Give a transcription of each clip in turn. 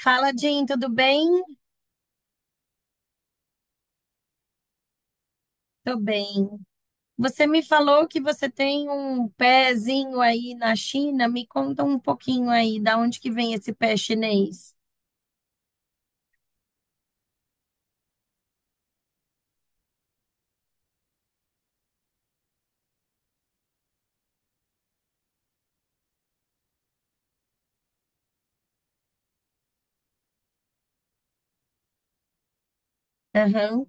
Fala, Jean, tudo bem? Tô bem. Você me falou que você tem um pezinho aí na China. Me conta um pouquinho aí, da onde que vem esse pé chinês? Aham.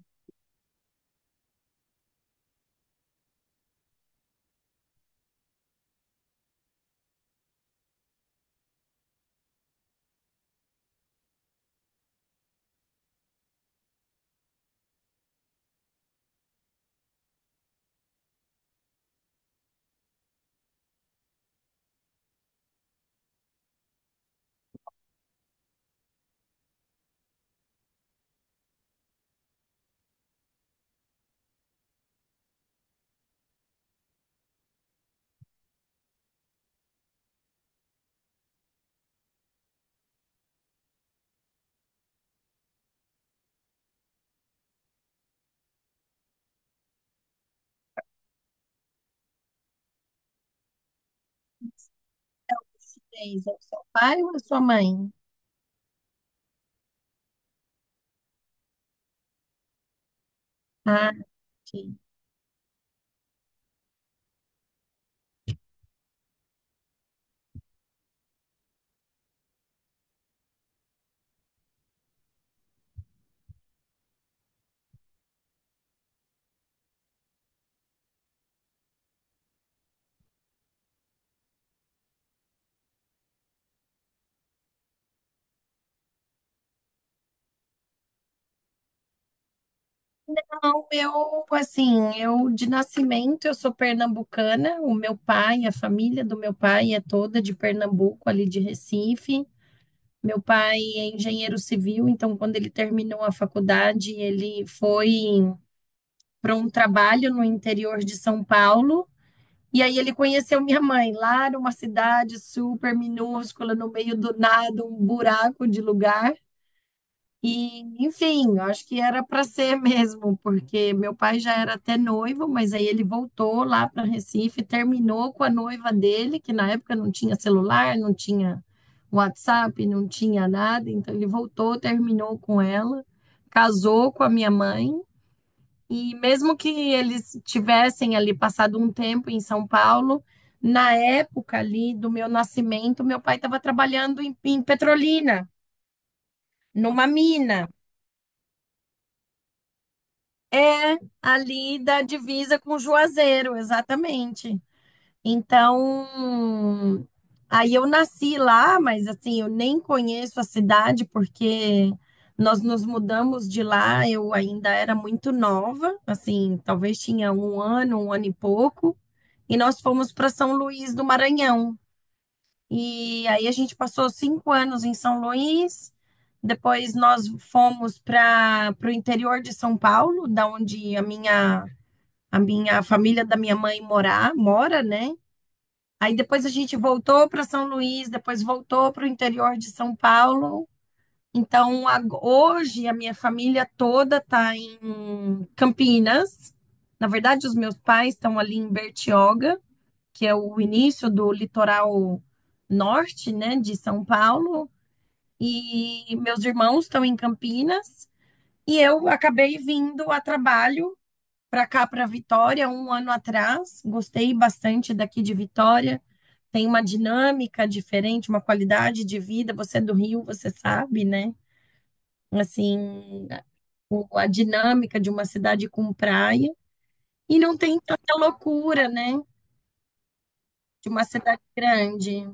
Chinês, é o seu pai ou a sua mãe? Ah, ok. Não, eu, assim, eu de nascimento, eu sou pernambucana. O meu pai, a família do meu pai é toda de Pernambuco, ali de Recife. Meu pai é engenheiro civil, então quando ele terminou a faculdade, ele foi para um trabalho no interior de São Paulo. E aí ele conheceu minha mãe lá numa cidade super minúscula, no meio do nada, um buraco de lugar. E, enfim, eu acho que era para ser mesmo, porque meu pai já era até noivo, mas aí ele voltou lá para Recife, terminou com a noiva dele, que na época não tinha celular, não tinha WhatsApp, não tinha nada, então ele voltou, terminou com ela, casou com a minha mãe e mesmo que eles tivessem ali passado um tempo em São Paulo, na época ali do meu nascimento, meu pai estava trabalhando em Petrolina, numa mina. É ali da divisa com Juazeiro, exatamente. Então, aí eu nasci lá, mas assim, eu nem conheço a cidade porque nós nos mudamos de lá, eu ainda era muito nova, assim, talvez tinha 1 ano, 1 ano e pouco, e nós fomos para São Luís do Maranhão. E aí a gente passou 5 anos em São Luís, depois nós fomos para o interior de São Paulo, da onde a minha família da minha mãe morar, mora, né? Aí depois a gente voltou para São Luís, depois voltou para o interior de São Paulo. Então, hoje a minha família toda está em Campinas. Na verdade, os meus pais estão ali em Bertioga, que é o início do litoral norte, né, de São Paulo. E meus irmãos estão em Campinas. E eu acabei vindo a trabalho para cá, para Vitória, um ano atrás. Gostei bastante daqui de Vitória, tem uma dinâmica diferente, uma qualidade de vida. Você é do Rio, você sabe, né? Assim, a dinâmica de uma cidade com praia. E não tem tanta loucura, né? De uma cidade grande.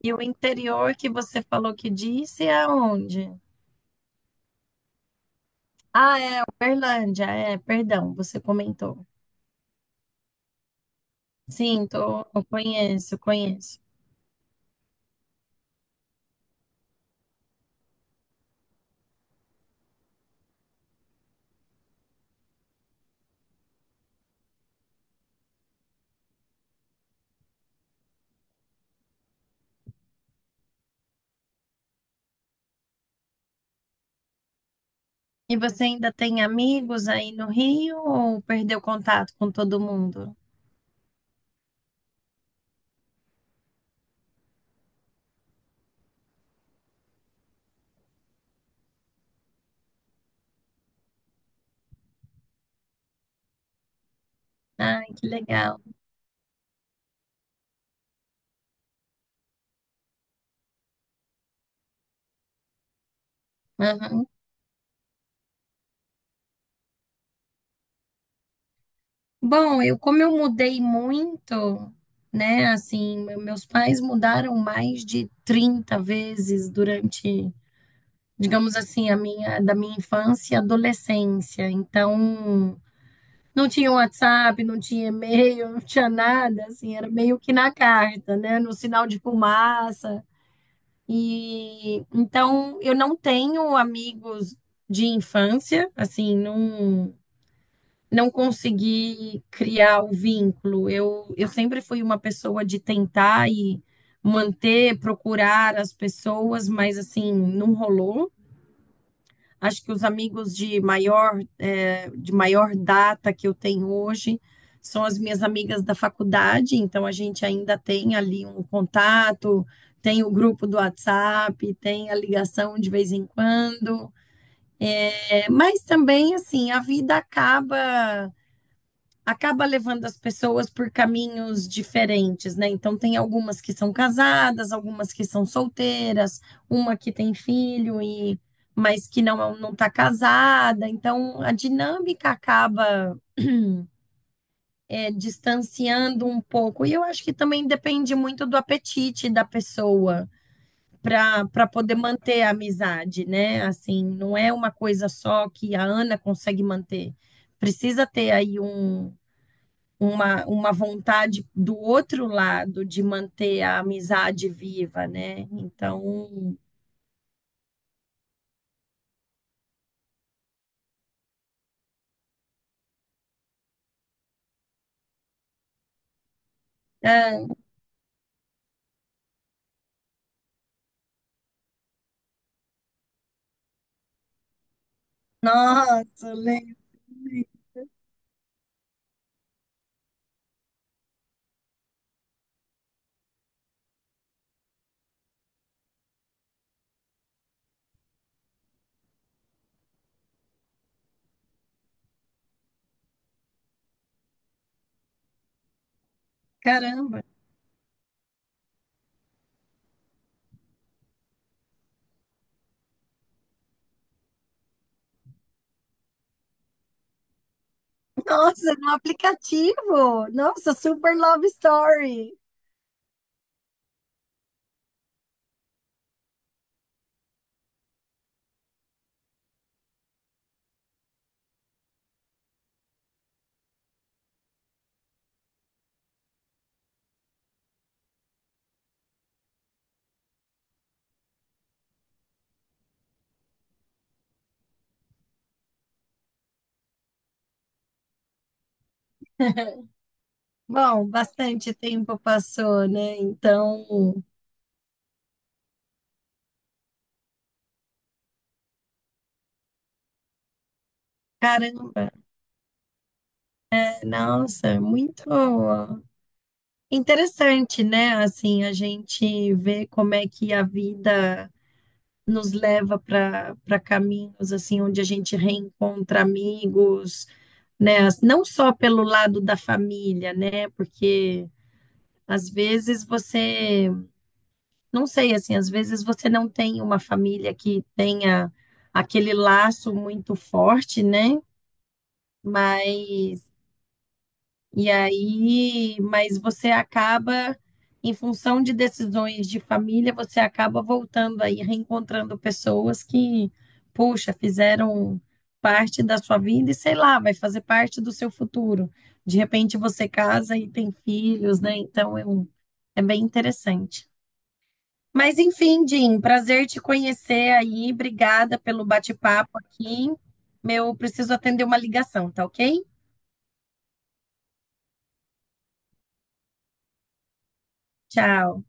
E o interior que você falou que disse é aonde? Ah, é Uberlândia. É, perdão, você comentou. Sim, tô, eu conheço, conheço. E você ainda tem amigos aí no Rio ou perdeu contato com todo mundo? Ai, que legal. Aham. Bom, eu como eu mudei muito, né? Assim, meus pais mudaram mais de 30 vezes durante, digamos assim, a minha da minha infância e adolescência. Então, não tinha WhatsApp, não tinha e-mail, não tinha nada, assim, era meio que na carta, né? No sinal de fumaça. E então eu não tenho amigos de infância, assim, não consegui criar o vínculo. Eu sempre fui uma pessoa de tentar e manter, procurar as pessoas, mas assim, não rolou. Acho que os amigos de maior, de maior data que eu tenho hoje são as minhas amigas da faculdade, então a gente ainda tem ali um contato, tem o grupo do WhatsApp, tem a ligação de vez em quando. Mas também, assim, a vida acaba levando as pessoas por caminhos diferentes, né? Então tem algumas que são casadas, algumas que são solteiras, uma que tem filho e mas que não está casada. Então a dinâmica acaba distanciando um pouco. E eu acho que também depende muito do apetite da pessoa para poder manter a amizade, né? Assim, não é uma coisa só que a Ana consegue manter. Precisa ter aí um uma vontade do outro lado de manter a amizade viva, né? Então, é, nossa, caramba, nossa, no aplicativo, nossa, super love story. Bom, bastante tempo passou, né? Então, caramba, é, nossa, muito interessante, né? Assim, a gente vê como é que a vida nos leva para caminhos assim onde a gente reencontra amigos, né? Não só pelo lado da família, né? Porque às vezes você, não sei assim, às vezes você não tem uma família que tenha aquele laço muito forte, né? Mas E aí, mas você acaba, em função de decisões de família, você acaba voltando aí, reencontrando pessoas que, poxa, fizeram parte da sua vida e sei lá, vai fazer parte do seu futuro. De repente você casa e tem filhos, né? Então é bem interessante. Mas enfim, Jim, prazer te conhecer aí. Obrigada pelo bate-papo aqui. Meu, preciso atender uma ligação, tá ok? Tchau.